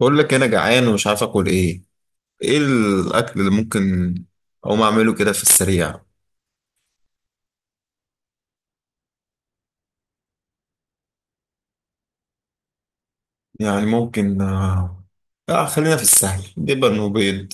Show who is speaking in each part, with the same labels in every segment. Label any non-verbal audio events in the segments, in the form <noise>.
Speaker 1: بقول لك انا جعان ومش عارف اكل ايه. ايه الاكل اللي ممكن اقوم اعمله كده في السريع؟ يعني ممكن آه. خلينا في السهل، جبن وبيض.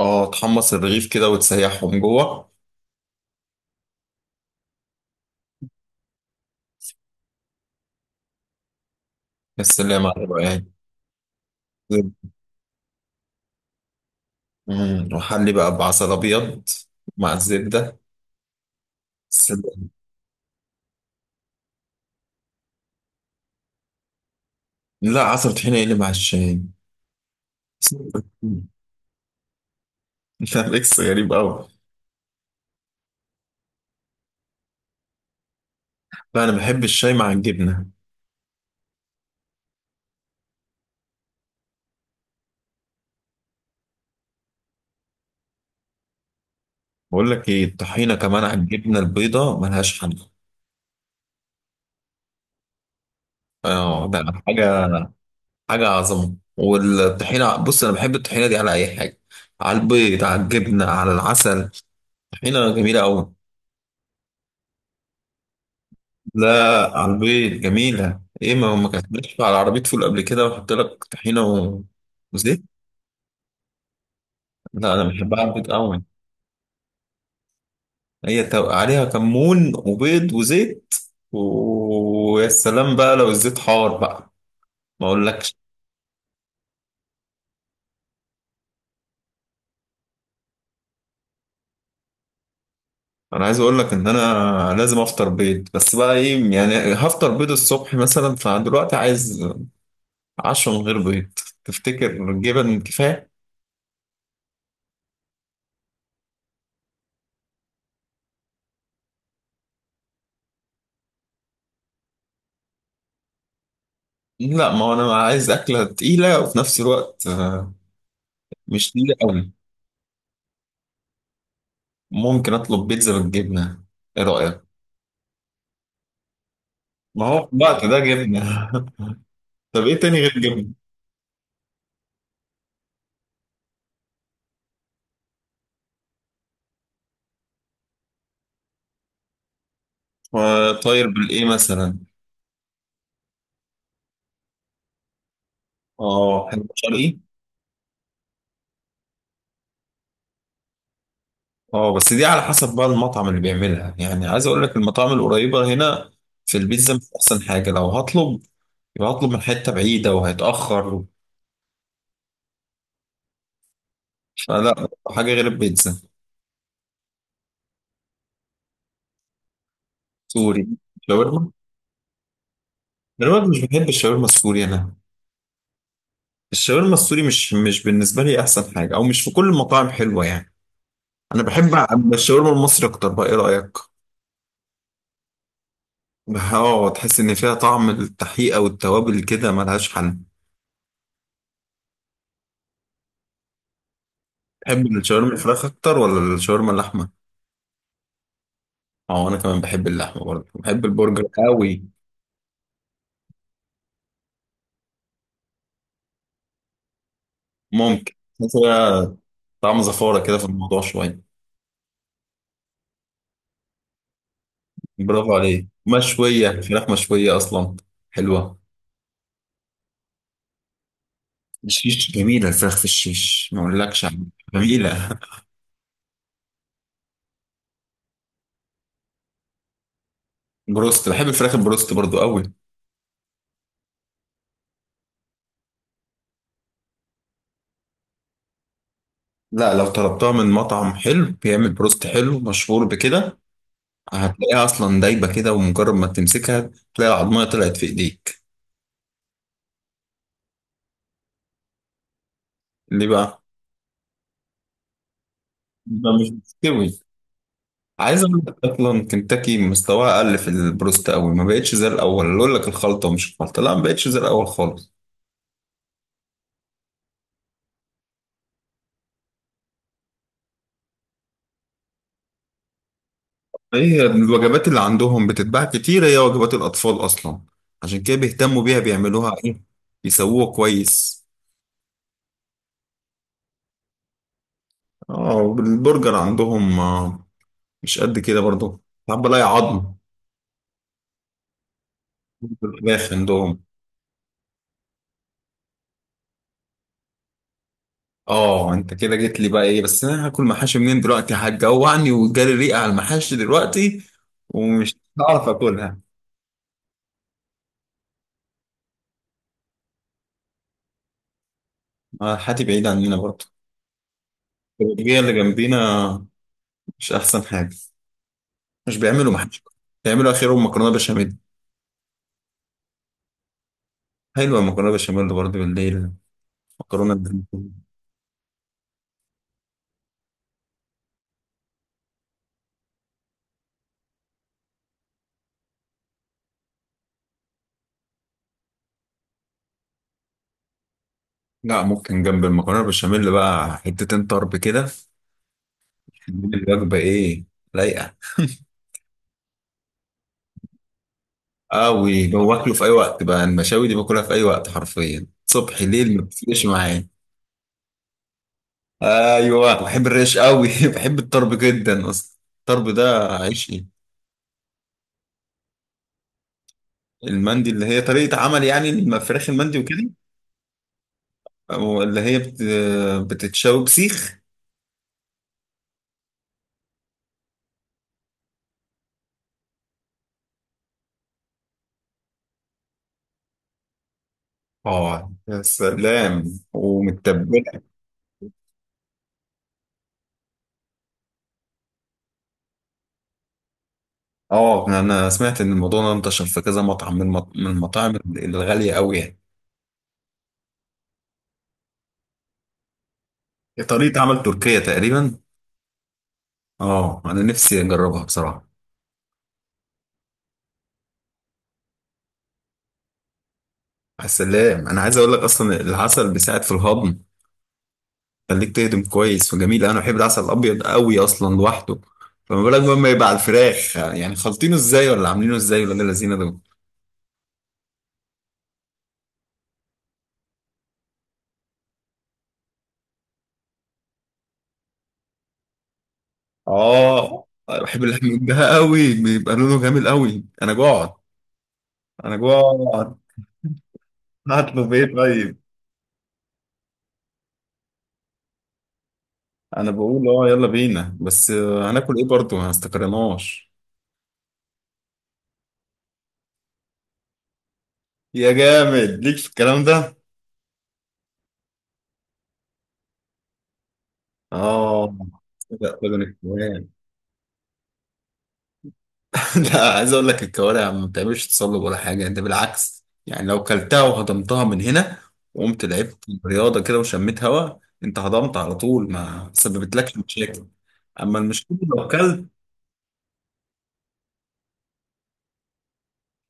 Speaker 1: اه، تحمص الرغيف كده وتسيحهم جوه. يا سلام على الروقان. وحلي بقى بعسل ابيض مع الزبده. سلام. لا، عسل طحينه، ايه اللي مع الشاي؟ <laughs> لا، ميكس غريب قوي. لا، انا بحب الشاي مع الجبنه. بقول لك ايه، الطحينه كمان على الجبنه البيضاء ملهاش حل. اه، ده حاجة. حاجة عظمة. والطحينة بص، أنا بحب الطحينة دي على أي حاجة، على البيض، على الجبنة، على العسل. طحينة جميلة أوي. لا، على البيض جميلة. إيه، ما كانتش على عربية فول قبل كده وأحط لك طحينة و... وزيت. لا، أنا بحبها على البيض أوي. هي عليها كمون وبيض وزيت. ويا سلام بقى لو الزيت حار بقى. ما أقولكش. انا عايز اقول لك ان انا لازم افطر بيض، بس بقى ايه يعني، هفطر بيض الصبح مثلا، فدلوقتي عايز 10 من غير بيض. تفتكر جبن كفاية؟ لا، ما هو أنا عايز أكلة تقيلة، وفي نفس الوقت مش تقيلة أوي. ممكن أطلب بيتزا بالجبنة، إيه رأيك؟ ما هو في الوقت ده جبنة. <laughs> طب إيه تاني غير جبنة؟ آه، طاير بالإيه مثلا؟ آه، حلو شرقي؟ آه، بس دي على حسب بقى المطعم اللي بيعملها. يعني عايز أقول لك، المطاعم القريبة هنا، في البيتزا مش أحسن حاجة لو هطلب. يبقى هطلب من حتة بعيدة وهيتأخر. فلا حاجة غير البيتزا. سوري. شاورما. دلوقتي مش بحب الشاورما السوري انا. الشاورما السوري مش بالنسبه لي احسن حاجه، او مش في كل المطاعم حلوه يعني. انا بحب الشاورما المصري اكتر، بقى ايه رايك؟ اه، تحس ان فيها طعم التحقيقه والتوابل كده، ملهاش حل. تحب الشاورما الفراخ اكتر ولا الشاورما اللحمه؟ اه، انا كمان بحب اللحمه، برضه بحب البرجر قوي. ممكن. بس هي طعم زفاره كده في الموضوع شويه. برافو عليك، مشويه، فراخ مشويه اصلا. حلوه. الشيش جميله، الفراخ في الشيش ما اقولكش عليها. جميله. بروست، بحب الفراخ البروست برضو قوي. لا، لو طلبتها من مطعم حلو بيعمل بروست حلو مشهور بكده، هتلاقيها اصلا دايبه كده، ومجرد ما تمسكها تلاقي العضميه طلعت في ايديك. ليه بقى؟ يبقى مش مستوي. عايز اقول لك، اصلا كنتاكي مستواها اقل في البروست قوي، ما بقتش زي الاول. اللي اقول لك الخلطه، مش الخلطه، لا، ما بقتش زي الاول خالص. هي الوجبات اللي عندهم بتتباع كتير، هي وجبات الاطفال اصلا، عشان كده بيهتموا بيها، بيعملوها ايه، يسووها كويس. اه، البرجر عندهم مش قد كده برضو، ساعات بلاقي عظم في الفراخ عندهم. اه، انت كده جيت لي بقى ايه، بس انا هاكل محاشي منين دلوقتي؟ هتجوعني، وجالي ريقه على المحاشي دلوقتي، ومش هعرف اكلها. حياتي بعيد عننا برضو. البلدية اللي جنبينا مش احسن حاجه، مش بيعملوا محاشي، بيعملوا اخرهم مكرونه بشاميل. حلوه المكرونه بشاميل برضو بالليل. مكرونه بالليل. لا، ممكن جنب المكرونه بشاميل بقى حتتين طرب كده. الوجبه ايه، لايقه. اه، وباكله في اي وقت بقى. المشاوي دي باكلها في اي وقت حرفيا، صبح ليل ما بتفرقش معايا. ايوه، بحب الريش قوي. <laughs> بحب الطرب جدا، اصلا الطرب ده عيشي. المندي اللي هي طريقة عمل يعني، فراخ المندي وكده. أو اللي هي بتتشوي بسيخ. اه، يا سلام ومتبلة. اه، انا سمعت ان الموضوع ده انتشر في كذا مطعم، من المطاعم الغالية قوي يعني. طريقة عمل تركية تقريبا. اه، انا نفسي اجربها بصراحة. يا سلام، انا عايز اقول لك اصلا العسل بيساعد في الهضم. خليك تهضم كويس وجميل. انا بحب العسل الابيض قوي اصلا لوحده. فما بالك بقى لما يبقى على الفراخ، يعني خالطينه ازاي ولا عاملينه ازاي، ولا اللذينه دول؟ اه، بحب اللحم ده قوي، بيبقى لونه جميل قوي. انا جوعت. انا جوعت. هطلب ايه طيب؟ انا بقول اه، يلا بينا، بس هناكل ايه برضه، ما استقرناش. يا جامد ليك في الكلام ده. اه، صدق. طب انا كمان. <laughs> لا، عايز اقول لك الكوارع ما بتعملش تصلب ولا حاجه، انت بالعكس يعني، لو كلتها وهضمتها من هنا، وقمت لعبت رياضه كده وشميت هواء، انت هضمت على طول، ما سببتلكش مشاكل. اما المشكله لو كلت،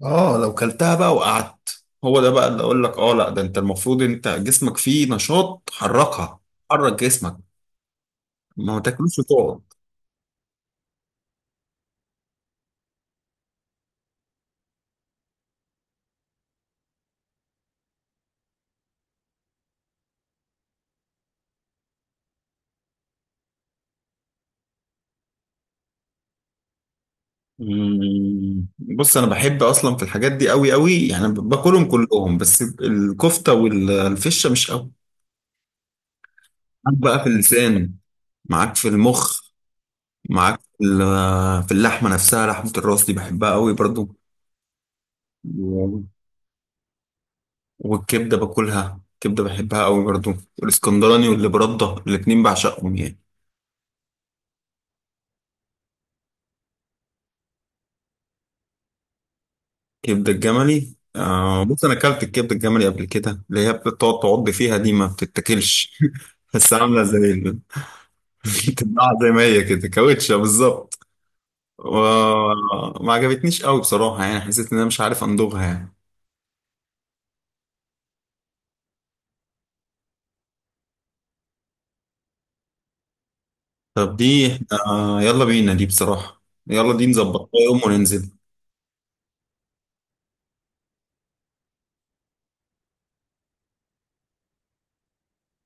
Speaker 1: اه، لو كلتها بقى وقعدت، هو ده بقى اللي اقول لك. اه لا، ده انت المفروض، انت جسمك فيه نشاط، حركها. حرك جسمك. ما تاكلوش وتقعد. مم. بص، انا بحب اصلا في الحاجات دي قوي قوي يعني، باكلهم كلهم، بس الكفته والفشه مش قوي. معاك بقى في اللسان. معاك في المخ. معاك في اللحمة نفسها، لحمة الراس دي بحبها قوي برضو. و- والكبدة، باكلها كبدة بحبها قوي برضو. والاسكندراني واللي برده، الاتنين بعشقهم يعني. كبدة الجملي. بص، انا اكلت الكبدة الجملي قبل كده، اللي هي بتقعد تعض فيها دي ما بتتاكلش. <laughs> بس عاملة زي <laughs> بتتباع زي ما هي كده، كاوتشة بالظبط. وما عجبتنيش قوي بصراحة يعني، حسيت ان انا مش عارف امضغها يعني. طب دي، احنا يلا بينا دي بصراحة، يلا دي نظبطها يوم وننزل.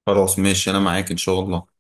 Speaker 1: خلاص ماشي، أنا معاك إن شاء الله.